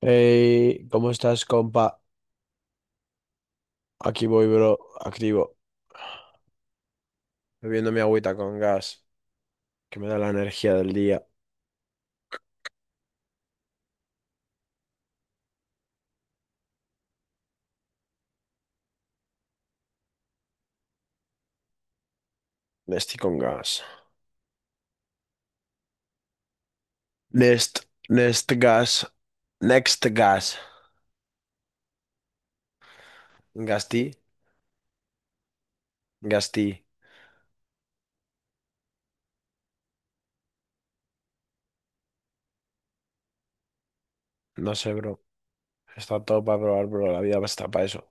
Hey, ¿cómo estás, compa? Aquí voy, bro, activo, bebiendo mi agüita con gas, que me da la energía del día. Nesti con gas. Nest, Nest gas, Next gas. Gasti, Gasti. No sé, bro. Está todo para probar, bro. La vida está para eso.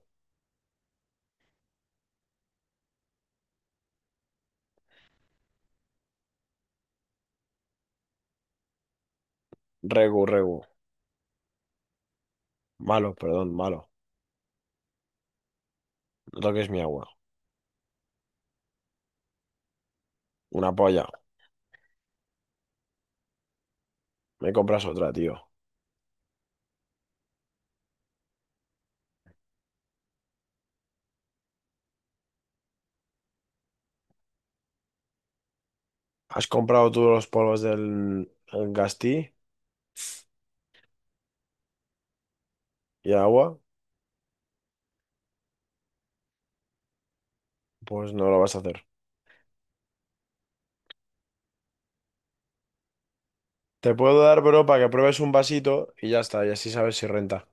Regu, regu. Malo, perdón, malo. No toques mi agua. Una polla. Me compras otra, tío. ¿Has comprado tú los polvos del el Gasti y agua? Pues no lo vas a hacer. Te puedo dar, bro, para que pruebes un vasito y ya está, y así sabes si renta.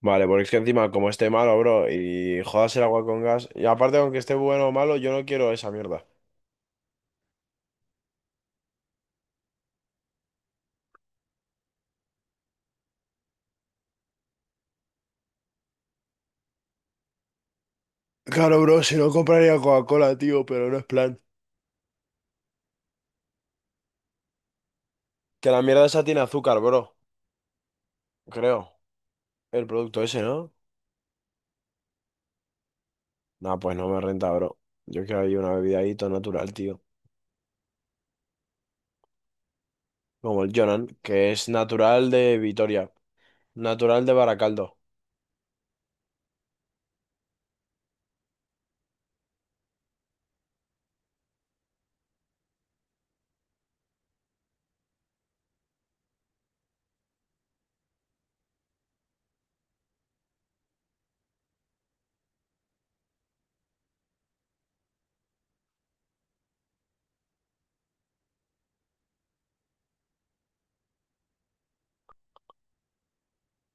Vale, porque es que encima, como esté malo, bro, y jodas el agua con gas, y aparte, aunque esté bueno o malo, yo no quiero esa mierda. Claro, bro, si no compraría Coca-Cola, tío, pero no es plan. Que la mierda esa tiene azúcar, bro, creo. El producto ese, ¿no? No, pues no me renta, bro. Yo quiero ahí una bebida ahí todo natural, tío. Como el Jonan, que es natural de Vitoria, natural de Baracaldo.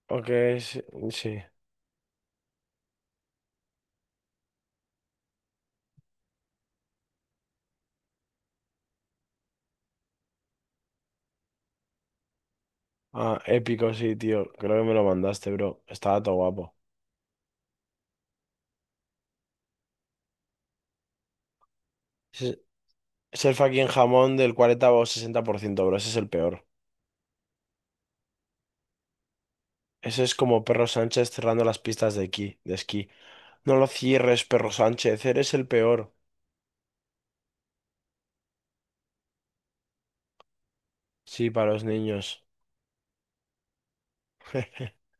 Ok, sí. Sí. Ah, épico, sí, tío. Creo que me lo mandaste, bro. Estaba todo guapo. Ese es el fucking jamón del 40 o sesenta por ciento, bro. Ese es el peor. Ese es como Perro Sánchez cerrando las pistas de esquí. No lo cierres, Perro Sánchez. Eres el peor. Sí, para los niños.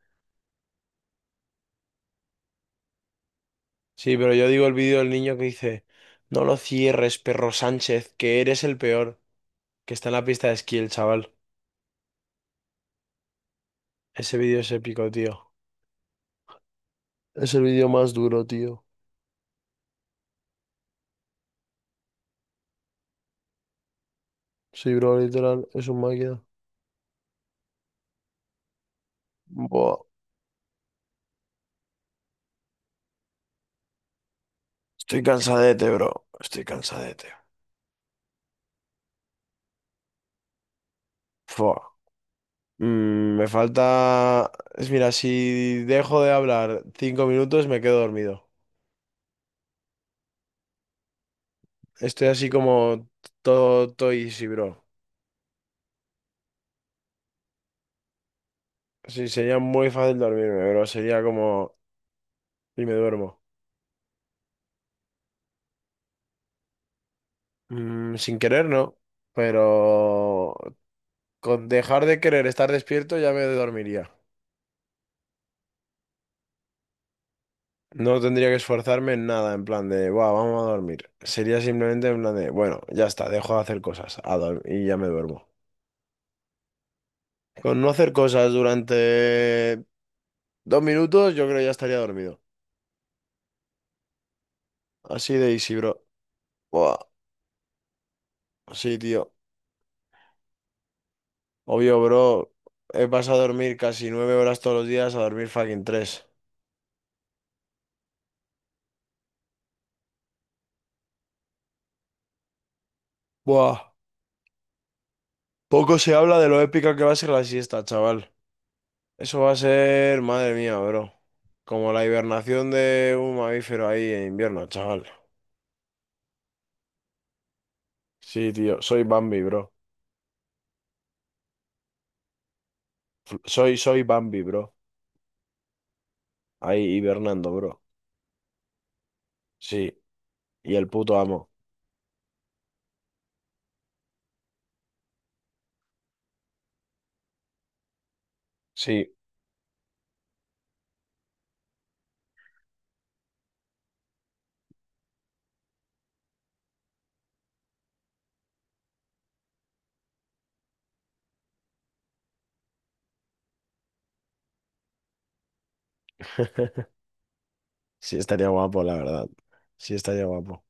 Sí, pero yo digo el vídeo del niño que dice, no lo cierres, Perro Sánchez, que eres el peor. Que está en la pista de esquí, el chaval. Ese vídeo es épico, tío. Es el vídeo más duro, tío. Sí, bro, literal, es un máquina. Buah. Estoy cansadete, bro. Estoy cansadete. Fua. Me falta... Mira, si dejo de hablar 5 minutos me quedo dormido. Estoy así como todo, todo easy, bro. Sí, sería muy fácil dormirme, bro. Sería como... Y me duermo. Sin querer, no. Pero con dejar de querer estar despierto ya me dormiría. No tendría que esforzarme en nada, en plan de, "Buah, vamos a dormir". Sería simplemente en plan de, bueno, ya está, dejo de hacer cosas y ya me duermo. Con no hacer cosas durante 2 minutos, yo creo que ya estaría dormido. Así de easy, bro. Buah, sí, tío. Obvio, bro. He pasado a dormir casi 9 horas todos los días a dormir fucking tres. Buah. Poco se habla de lo épica que va a ser la siesta, chaval. Eso va a ser, madre mía, bro. Como la hibernación de un mamífero ahí en invierno, chaval. Sí, tío. Soy Bambi, bro. Soy Bambi, bro. Ahí hibernando, bro. Sí. Y el puto amo. Sí. Sí, estaría guapo, la verdad. Sí, estaría guapo.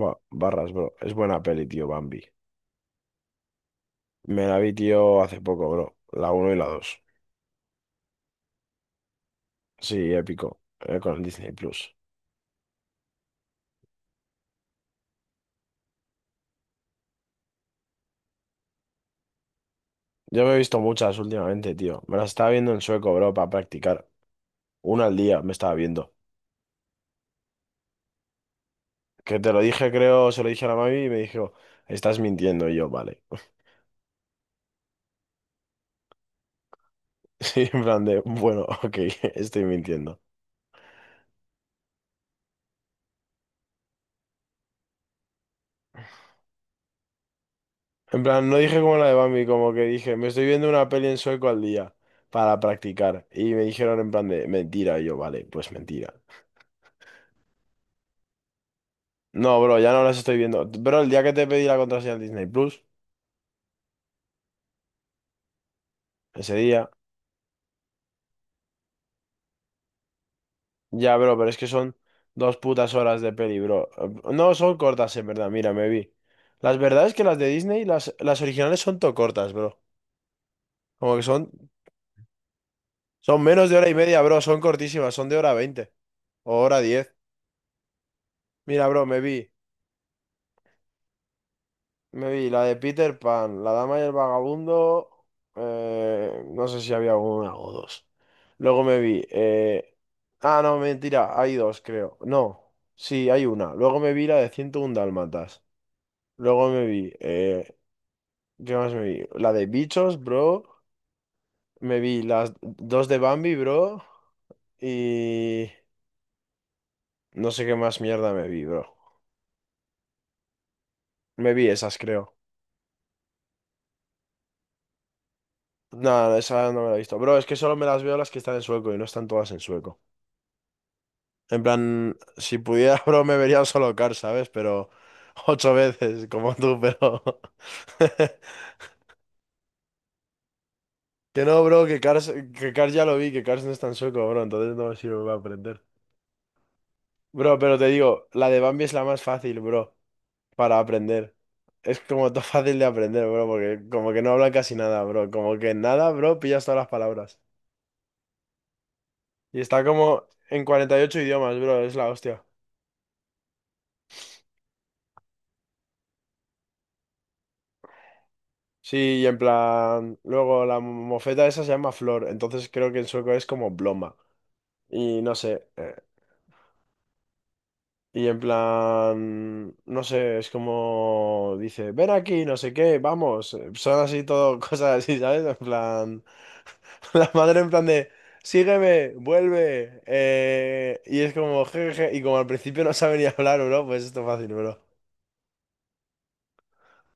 Buah, barras, bro. Es buena peli, tío, Bambi. Me la vi, tío, hace poco, bro. La uno y la dos. Sí, épico, con el Disney Plus. Yo me he visto muchas últimamente, tío. Me las estaba viendo en sueco, bro, para practicar. Una al día me estaba viendo. Que te lo dije, creo, se lo dije a la mami y me dijo, estás mintiendo. Y yo, vale. Sí, en plan de, bueno, ok, estoy mintiendo. En plan, no dije como la de Bambi, como que dije, me estoy viendo una peli en sueco al día para practicar. Y me dijeron en plan de mentira. Y yo, vale, pues mentira. No, bro, ya no las estoy viendo. Bro, el día que te pedí la contraseña de Disney Plus, ese día, ya, bro, pero es que son 2 putas horas de peli, bro. No, son cortas, en verdad, mira, me vi. Las verdad es que las de Disney, las originales son todo cortas, bro. Como que son, menos de hora y media, bro, son cortísimas, son de hora veinte o hora diez. Mira, bro, me vi. Me vi la de Peter Pan, La Dama y el Vagabundo. No sé si había una o dos. Luego me vi. Ah, no, mentira, hay dos, creo. No, sí, hay una. Luego me vi la de 101 Dálmatas. Luego me vi. ¿Qué más me vi? La de Bichos, bro. Me vi las dos de Bambi, bro. Y. No sé qué más mierda me vi, bro. Me vi esas, creo. Nada, esa no me la he visto. Bro, es que solo me las veo las que están en sueco y no están todas en sueco. En plan, si pudiera, bro, me vería un solo car, ¿sabes? Pero ocho veces, como tú, pero... Que no, bro, que Cars ya lo vi, que Cars no es tan sueco, bro, entonces no me sirve para aprender. Bro, pero te digo, la de Bambi es la más fácil, bro, para aprender. Es como todo fácil de aprender, bro, porque como que no hablan casi nada, bro. Como que en nada, bro, pillas todas las palabras. Y está como en 48 idiomas, bro, es la hostia. Sí, y en plan, luego la mofeta esa se llama Flor, entonces creo que en sueco es como Blomma. Y no sé, y en plan, no sé, es como dice, ven aquí, no sé qué, vamos. Son así todo, cosas así, ¿sabes? En plan, la madre en plan de, sígueme, vuelve. Y es como, jejeje, y como al principio no sabe ni hablar, bro, pues esto es fácil, bro.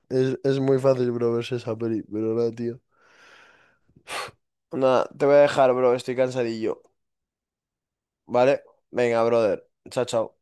Es muy fácil, bro, verse esa peli, pero nada, tío. Nada, te voy a dejar, bro, estoy cansadillo. Vale, venga, brother. Chao, chao.